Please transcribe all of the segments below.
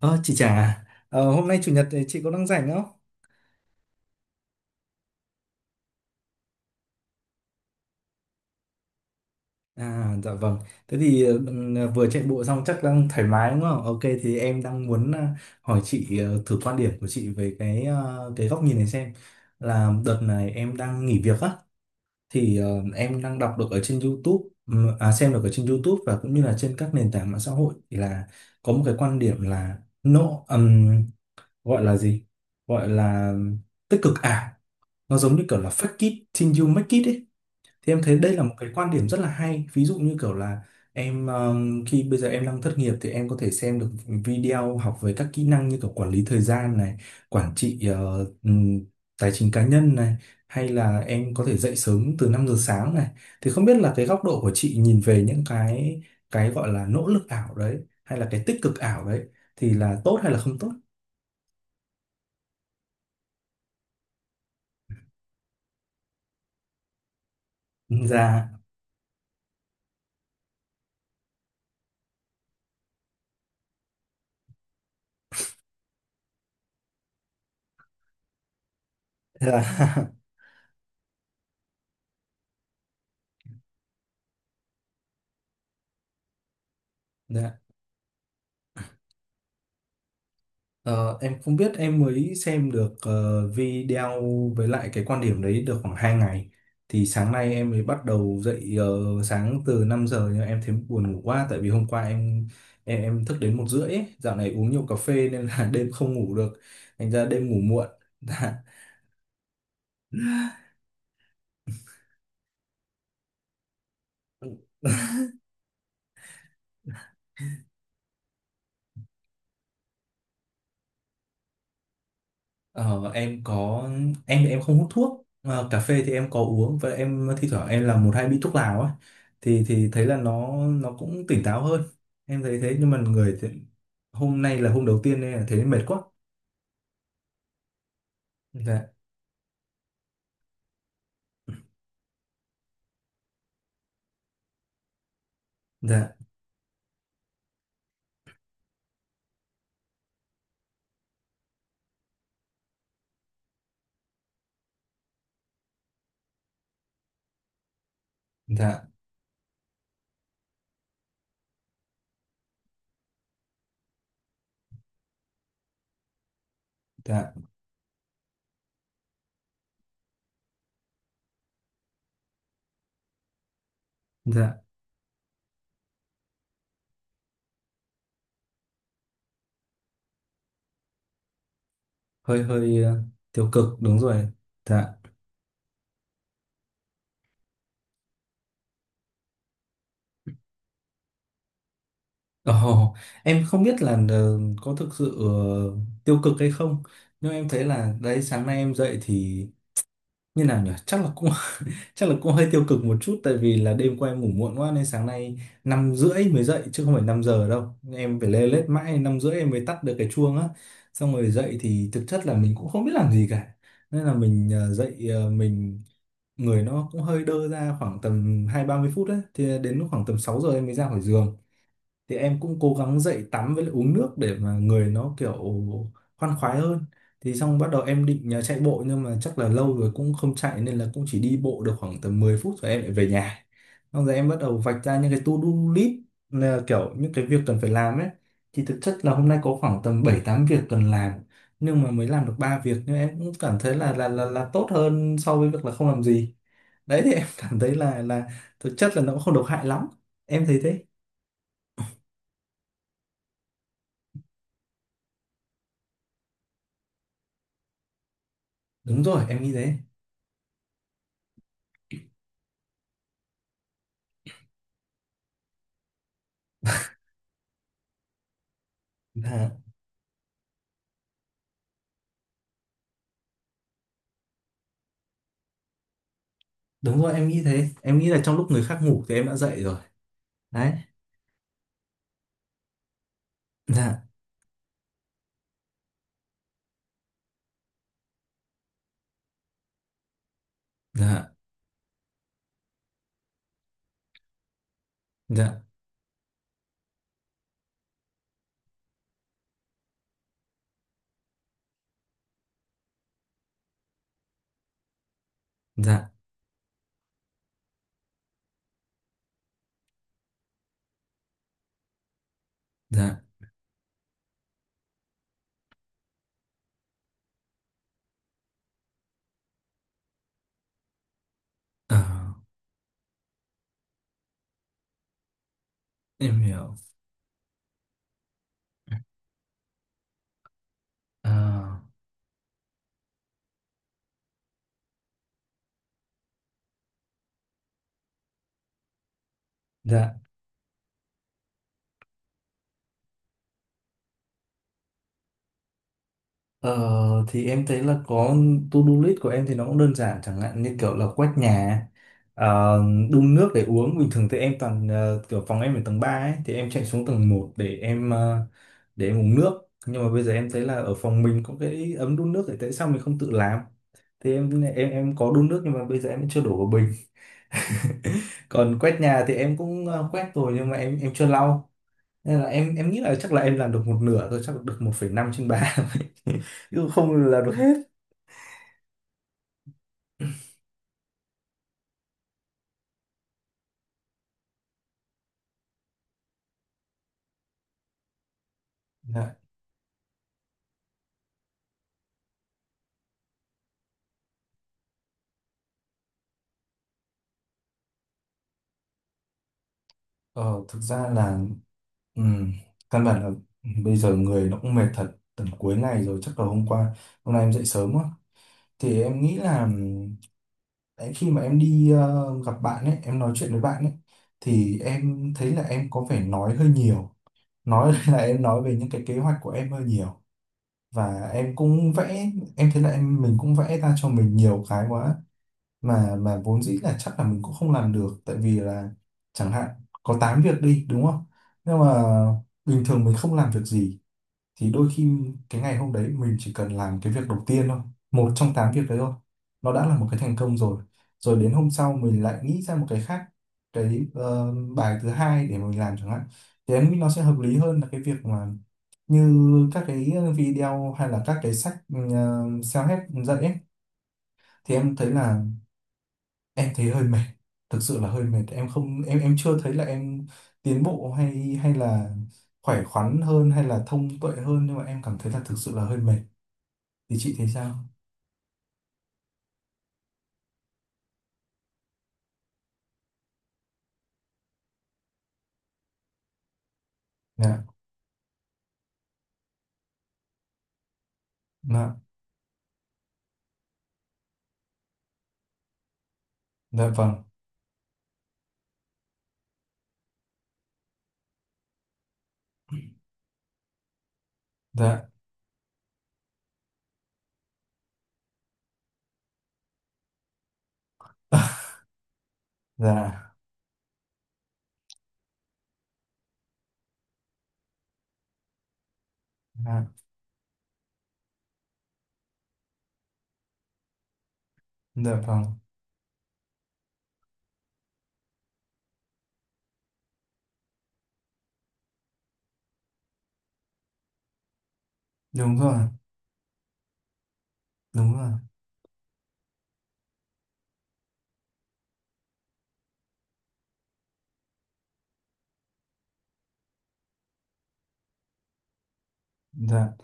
Ờ, chị Trà, à? Ờ, Hôm nay chủ nhật thì chị có đang rảnh không? À, dạ vâng. Thế thì vừa chạy bộ xong chắc đang thoải mái đúng không? Ok, thì em đang muốn hỏi chị thử quan điểm của chị về cái góc nhìn này xem. Là đợt này em đang nghỉ việc á, thì em đang đọc được ở trên YouTube, à, xem được ở trên YouTube và cũng như là trên các nền tảng mạng xã hội thì là có một cái quan điểm là no, gọi là gì? Gọi là tích cực ảo. Nó giống như kiểu là fake it till you make it ấy. Thì em thấy đây là một cái quan điểm rất là hay. Ví dụ như kiểu là khi bây giờ em đang thất nghiệp thì em có thể xem được video học về các kỹ năng như kiểu quản lý thời gian này, quản trị tài chính cá nhân này, hay là em có thể dậy sớm từ 5 giờ sáng này. Thì không biết là cái góc độ của chị nhìn về những cái gọi là nỗ lực ảo đấy hay là cái tích cực ảo đấy thì là tốt hay là không tốt? Dạ. Dạ. Dạ. Ờ, em không biết em mới xem được video với lại cái quan điểm đấy được khoảng 2 ngày, thì sáng nay em mới bắt đầu dậy sáng từ 5 giờ nhưng em thấy buồn ngủ quá tại vì hôm qua em thức đến 1h30 ấy. Dạo này uống nhiều cà phê nên là đêm không ngủ được, thành ra đêm ngủ muộn. Ờ, em có. Em thì em không hút thuốc. Ờ, cà phê thì em có uống và em thi thoảng em làm một hai bị thuốc lào á, thì thấy là nó cũng tỉnh táo hơn, em thấy thế, nhưng mà người thì, hôm nay là hôm đầu tiên nên là thấy mệt quá. Dạ. Dạ. Dạ. Dạ. Dạ. Hơi hơi tiêu cực đúng rồi. Dạ. Ồ, em không biết là có thực sự tiêu cực hay không, nhưng em thấy là đấy, sáng nay em dậy thì như nào nhỉ, chắc là cũng chắc là cũng hơi tiêu cực một chút, tại vì là đêm qua em ngủ muộn quá nên sáng nay 5h30 mới dậy chứ không phải 5 giờ đâu. Em phải lê lết mãi 5h30 em mới tắt được cái chuông á, xong rồi dậy thì thực chất là mình cũng không biết làm gì cả nên là mình dậy mình, người nó cũng hơi đơ ra khoảng tầm 20-30 phút đấy. Thì đến lúc khoảng tầm 6 giờ em mới ra khỏi giường thì em cũng cố gắng dậy tắm với lại uống nước để mà người nó kiểu khoan khoái hơn. Thì xong bắt đầu em định nhờ chạy bộ nhưng mà chắc là lâu rồi cũng không chạy nên là cũng chỉ đi bộ được khoảng tầm 10 phút rồi em lại về nhà. Xong rồi em bắt đầu vạch ra những cái to-do list, là kiểu những cái việc cần phải làm ấy, thì thực chất là hôm nay có khoảng tầm 7-8 việc cần làm, nhưng mà mới làm được 3 việc, nhưng em cũng cảm thấy là tốt hơn so với việc là không làm gì. Đấy, thì em cảm thấy là thực chất là nó cũng không độc hại lắm, em thấy thế. Đúng rồi em nghĩ thế. Dạ, đúng rồi em nghĩ thế, em nghĩ là trong lúc người khác ngủ thì em đã dậy rồi. Đấy. Dạ. Dạ. Dạ. Dạ. Dạ. Ờ, em hiểu. Ờ, dạ. ờ, thì em thấy là có, to-do list của em thì nó cũng đơn giản, chẳng hạn như kiểu là quét nhà, ờ, đun nước để uống. Bình thường thì em toàn kiểu, phòng em ở tầng 3 ấy thì em chạy xuống tầng 1 để để em uống nước, nhưng mà bây giờ em thấy là ở phòng mình có cái ấm đun nước thì tại sao mình không tự làm. Thì em có đun nước nhưng mà bây giờ em chưa đổ vào bình. Còn quét nhà thì em cũng quét rồi nhưng mà em chưa lau, nên là em nghĩ là chắc là em làm được một nửa thôi, chắc được 1,5/3. Chứ không là được hết. Dạ. Ờ, thực ra là ừm, căn bản là bây giờ người nó cũng mệt thật, tầm cuối ngày rồi, chắc là hôm qua hôm nay em dậy sớm quá. Thì em nghĩ là đấy, khi mà em đi gặp bạn ấy em nói chuyện với bạn ấy thì em thấy là em có vẻ nói hơi nhiều, nói là em nói về những cái kế hoạch của em hơi nhiều, và em cũng vẽ, em thấy là em mình cũng vẽ ra cho mình nhiều cái quá, mà vốn dĩ là chắc là mình cũng không làm được, tại vì là chẳng hạn có 8 việc đi đúng không, nhưng mà bình thường mình không làm việc gì thì đôi khi cái ngày hôm đấy mình chỉ cần làm cái việc đầu tiên thôi, một trong 8 việc đấy thôi, nó đã là một cái thành công rồi. Rồi đến hôm sau mình lại nghĩ ra một cái khác, cái bài thứ hai để mình làm chẳng hạn. Thì em nghĩ nó sẽ hợp lý hơn là cái việc mà như các cái video hay là các cái sách self-help dạy ấy. Thì em thấy là em thấy hơi mệt, thực sự là hơi mệt, em không em em chưa thấy là em tiến bộ hay hay là khỏe khoắn hơn hay là thông tuệ hơn, nhưng mà em cảm thấy là thực sự là hơi mệt. Thì chị thấy sao? Dạ. Dạ. Dạ. Vâng. Dạ. Dạ. Dạ. Dạ. Vâng. Đúng rồi, đúng rồi. Dạ.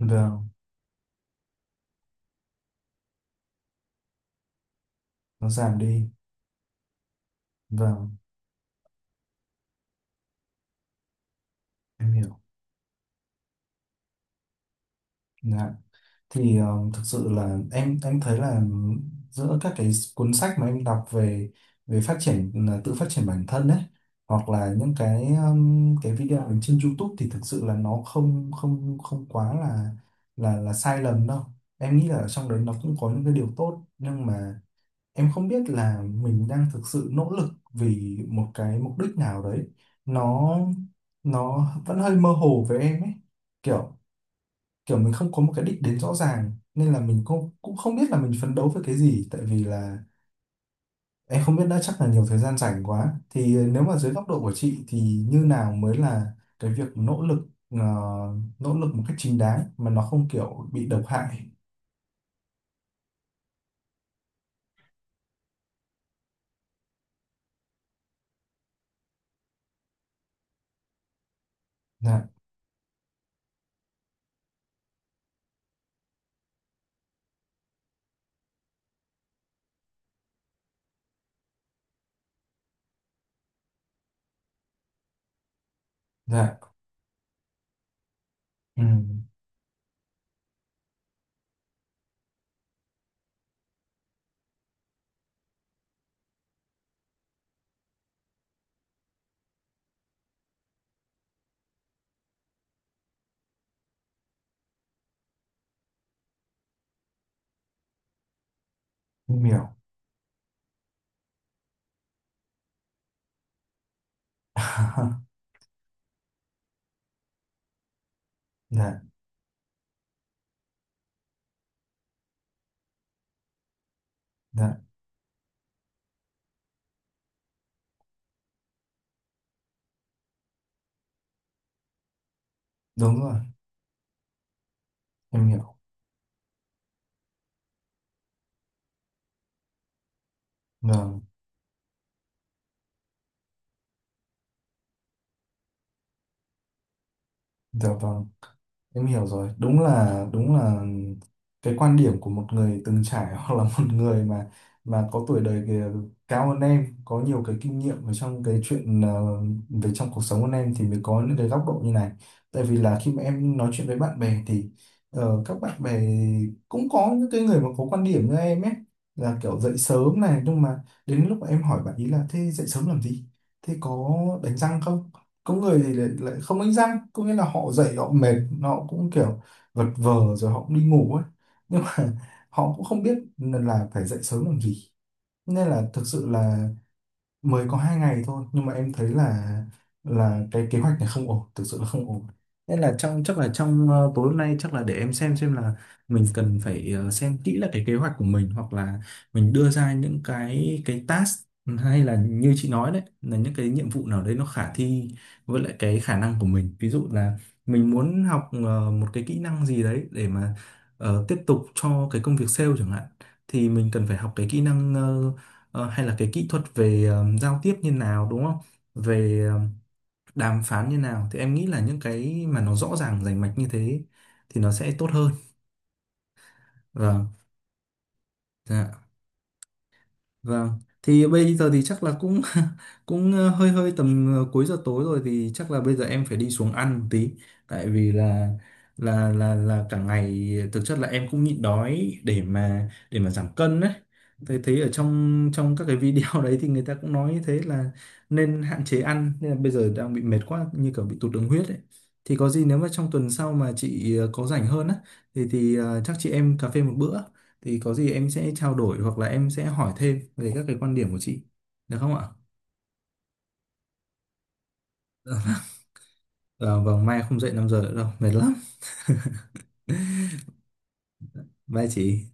Vâng. Nó giảm đi. Vâng. Em hiểu. Dạ. Thì thực sự là em thấy là giữa các cái cuốn sách mà em đọc về về phát triển là tự phát triển bản thân ấy, hoặc là những cái video ở trên YouTube, thì thực sự là nó không không không quá là sai lầm đâu. Em nghĩ là ở trong đấy nó cũng có những cái điều tốt nhưng mà em không biết là mình đang thực sự nỗ lực vì một cái mục đích nào đấy. Nó nó vẫn hơi mơ hồ với em ấy, kiểu kiểu mình không có một cái đích đến rõ ràng nên là mình cũng cũng không biết là mình phấn đấu với cái gì, tại vì là em không biết đã, chắc là nhiều thời gian rảnh quá. Thì nếu mà dưới góc độ của chị thì như nào mới là cái việc nỗ lực một cách chính đáng mà nó không kiểu bị độc hại. Dạ. Dạ. Ừ, em hiểu. Dạ. Dạ. Đúng rồi em hiểu. Vâng. Dạ. Vâng. Em hiểu rồi, đúng là cái quan điểm của một người từng trải hoặc là một người mà có tuổi đời kìa, cao hơn em, có nhiều cái kinh nghiệm ở trong cái chuyện về trong cuộc sống hơn em thì mới có những cái góc độ như này. Tại vì là khi mà em nói chuyện với bạn bè thì các bạn bè cũng có những cái người mà có quan điểm như em ấy, là kiểu dậy sớm này. Nhưng mà đến lúc mà em hỏi bạn ý là, thế dậy sớm làm gì? Thế có đánh răng không? Có người thì lại không đánh răng, có nghĩa là họ dậy họ mệt, họ cũng kiểu vật vờ rồi họ cũng đi ngủ ấy, nhưng mà họ cũng không biết là phải dậy sớm làm gì. Nên là thực sự là mới có 2 ngày thôi, nhưng mà em thấy là cái kế hoạch này không ổn, thực sự là không ổn. Nên là, trong, chắc là trong tối hôm nay chắc là để em xem là mình cần phải xem kỹ là cái kế hoạch của mình, hoặc là mình đưa ra những cái task, hay là như chị nói đấy là những cái nhiệm vụ nào đấy nó khả thi với lại cái khả năng của mình. Ví dụ là mình muốn học một cái kỹ năng gì đấy để mà tiếp tục cho cái công việc sale chẳng hạn, thì mình cần phải học cái kỹ năng Ờ, hay là cái kỹ thuật về giao tiếp như nào đúng không? Về đàm phán như nào, thì em nghĩ là những cái mà nó rõ ràng rành mạch như thế thì nó sẽ tốt hơn. Vâng. Dạ. Vâng, thì bây giờ thì chắc là cũng cũng hơi hơi tầm cuối giờ tối rồi, thì chắc là bây giờ em phải đi xuống ăn một tí, tại vì là là cả ngày thực chất là em cũng nhịn đói để mà giảm cân đấy. Thấy thấy ở trong trong các cái video đấy thì người ta cũng nói như thế là nên hạn chế ăn, nên là bây giờ đang bị mệt quá như kiểu bị tụt đường huyết ấy. Thì có gì nếu mà trong tuần sau mà chị có rảnh hơn á thì chắc chị em cà phê một bữa, thì có gì em sẽ trao đổi hoặc là em sẽ hỏi thêm về các cái quan điểm của chị, được không ạ? Ờ, vâng, mai không dậy 5 giờ nữa đâu, mệt lắm. Bye chị.